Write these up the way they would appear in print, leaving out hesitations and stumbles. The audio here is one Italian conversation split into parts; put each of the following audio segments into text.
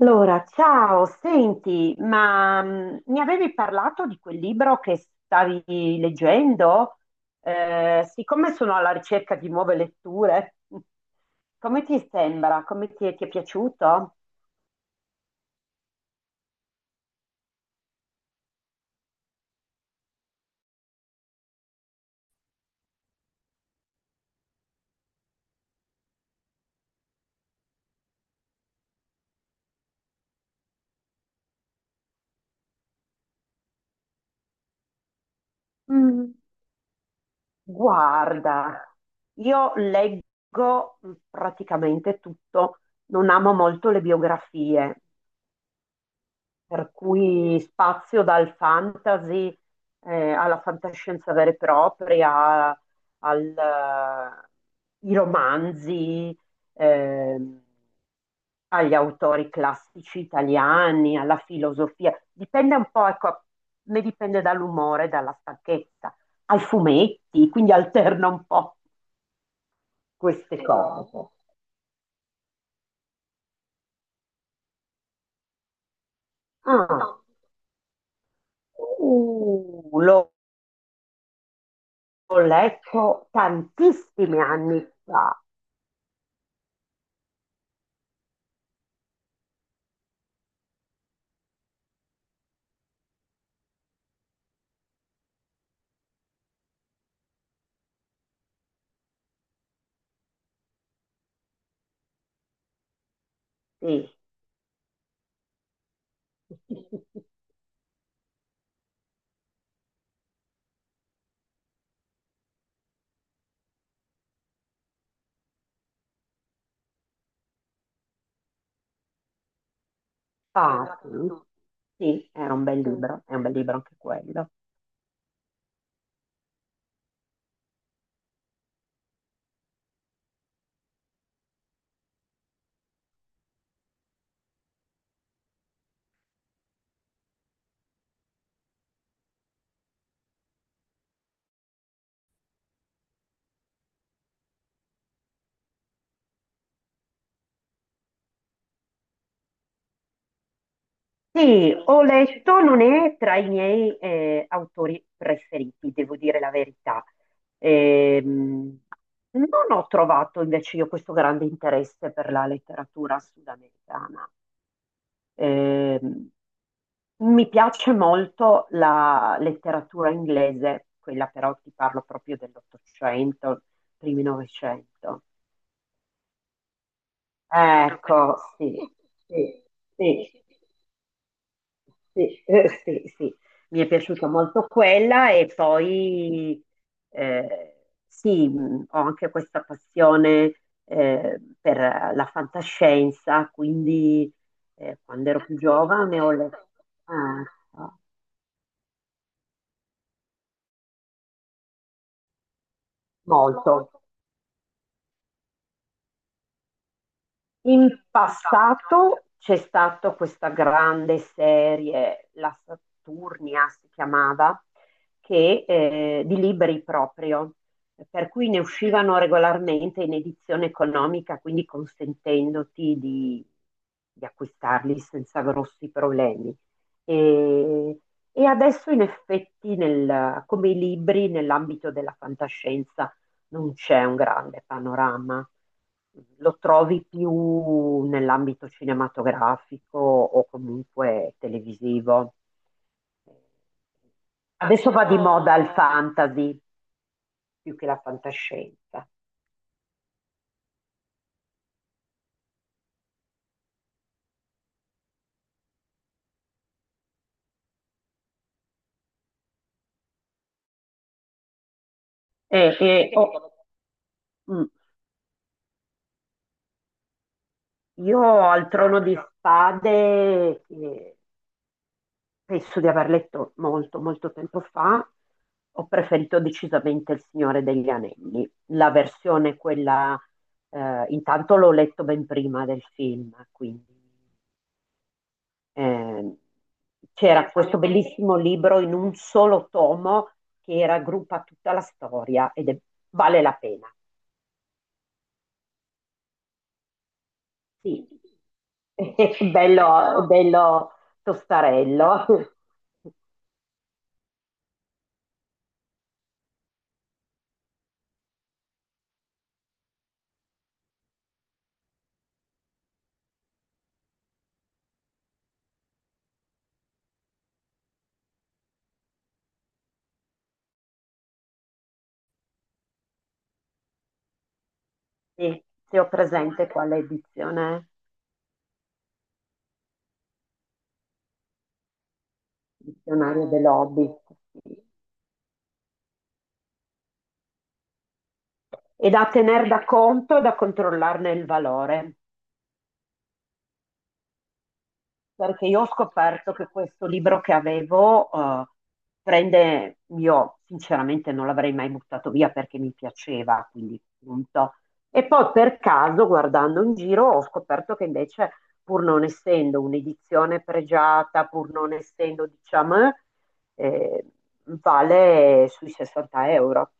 Allora, ciao, senti, ma mi avevi parlato di quel libro che stavi leggendo? Siccome sono alla ricerca di nuove letture, come ti sembra? Come ti è piaciuto? Mm. Guarda, io leggo praticamente tutto, non amo molto le biografie, per cui spazio dal fantasy, alla fantascienza vera e propria, ai romanzi, ehm, agli autori classici italiani, alla filosofia. Dipende un po', ecco, ne dipende dall'umore, dalla stanchezza, ai fumetti, quindi alterna un po' queste cose. Ah, uh, l'ho l'ho letto tantissimi anni fa. Sì. Ah, sì, sì, era un bel libro, è un bel libro anche quello. Sì, ho letto, non è tra i miei, autori preferiti, devo dire la verità. Ehm, Non ho trovato invece io questo grande interesse per la letteratura sudamericana. Ehm, Mi piace molto la letteratura inglese, quella però ti parlo proprio dell'Ottocento, primi Novecento. Ecco, sì, sì, sì, sì, sì, sì. Mi è piaciuta molto quella e poi, eh, sì, ho anche questa passione, per la fantascienza, quindi quando ero più giovane ho letto, ah, molto. In passato c'è stata questa grande serie, la Saturnia si chiamava, che, di libri proprio, per cui ne uscivano regolarmente in edizione economica, quindi consentendoti di acquistarli senza grossi problemi. E, e adesso in effetti come i libri nell'ambito della fantascienza non c'è un grande panorama. Lo trovi più nell'ambito cinematografico o comunque televisivo. Adesso va di moda il fantasy più che la fantascienza. Oh, mm, io al Trono di Spade, che penso di aver letto molto, molto tempo fa. Ho preferito decisamente Il Signore degli Anelli, la versione quella, intanto l'ho letto ben prima del film, quindi, eh, c'era questo bellissimo libro in un solo tomo che raggruppa tutta la storia ed vale la pena. Sì, è bello, bello tostarello. Sì, se ho presente quale edizione è. Dizionario dell'Hobbit, sì. E da tener da conto e da controllarne il valore, perché io ho scoperto che questo libro che avevo, prende, io sinceramente non l'avrei mai buttato via perché mi piaceva, quindi punto. E poi per caso, guardando in giro, ho scoperto che invece, pur non essendo un'edizione pregiata, pur non essendo, diciamo, eh, vale sui 60 euro.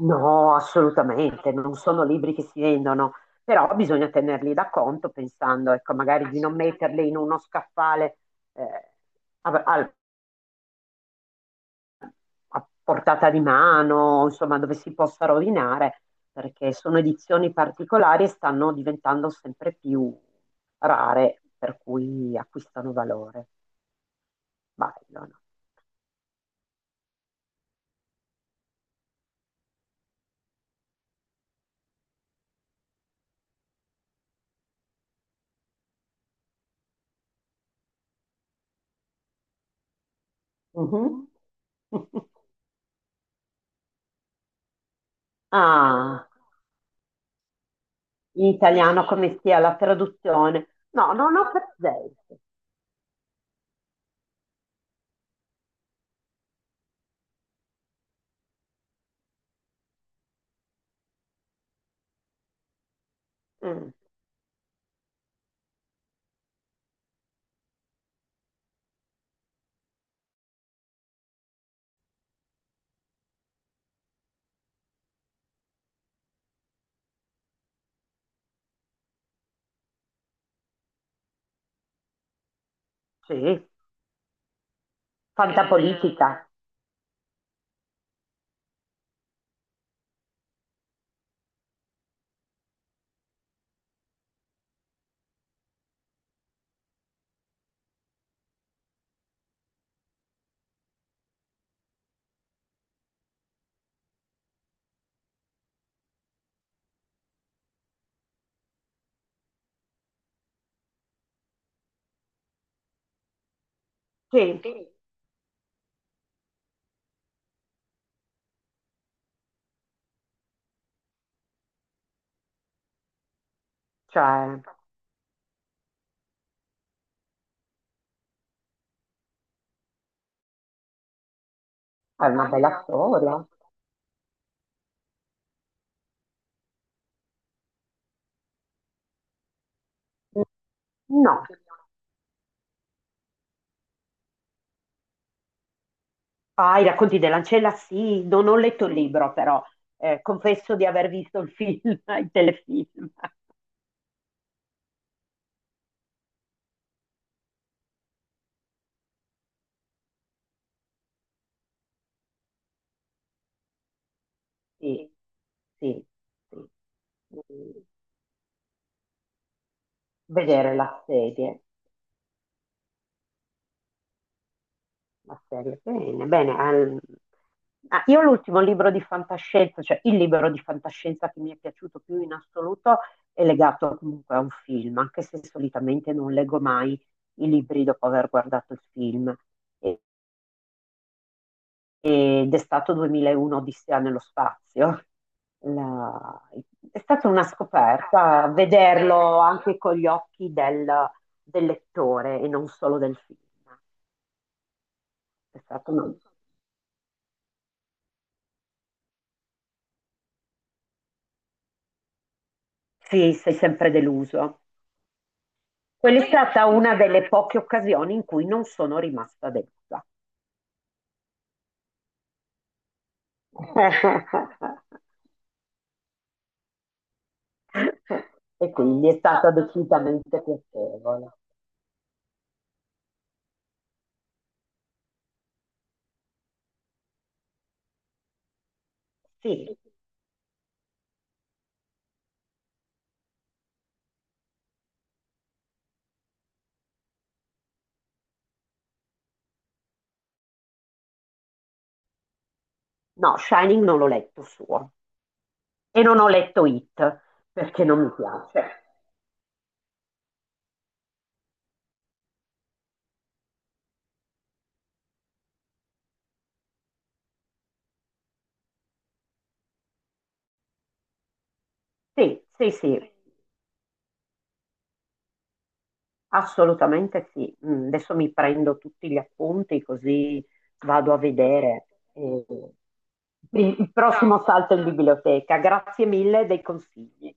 No, assolutamente, non sono libri che si vendono, però bisogna tenerli da conto pensando, ecco, magari di non metterli in uno scaffale, eh, a, a- a portata di mano, insomma, dove si possa rovinare, perché sono edizioni particolari e stanno diventando sempre più rare, per cui acquistano valore. Valgono. Mhm. Ah, in italiano come sia la traduzione? No, non ho presente. Mm, sì. Fantapolitica, sì, sì, cioè è una papà bella, no, storia. Mm. No, ah, i racconti dell'ancella, sì, non ho letto il libro però, confesso di aver visto il film, il telefilm, sì, sì, sì. Mm. Vedere la serie. Marcello. Bene, bene. Ah, io l'ultimo libro di fantascienza, cioè il libro di fantascienza che mi è piaciuto più in assoluto è legato comunque a un film, anche se solitamente non leggo mai i libri dopo aver guardato il film. E- ed è stato 2001 Odissea nello spazio. La- È stata una scoperta vederlo anche con gli occhi del, del lettore e non solo del film. È stato un- Sì, sei sempre deluso. Quella è stata una delle poche occasioni in cui non sono rimasta delusa. E quindi è stata decisamente piacevole. Sì, no, Shining non l'ho letto suo e non ho letto It perché non mi piace. Sì, sì, sì, assolutamente sì. Mm. Adesso mi prendo tutti gli appunti così vado a vedere, eh, il prossimo salto in biblioteca. Grazie mille dei consigli.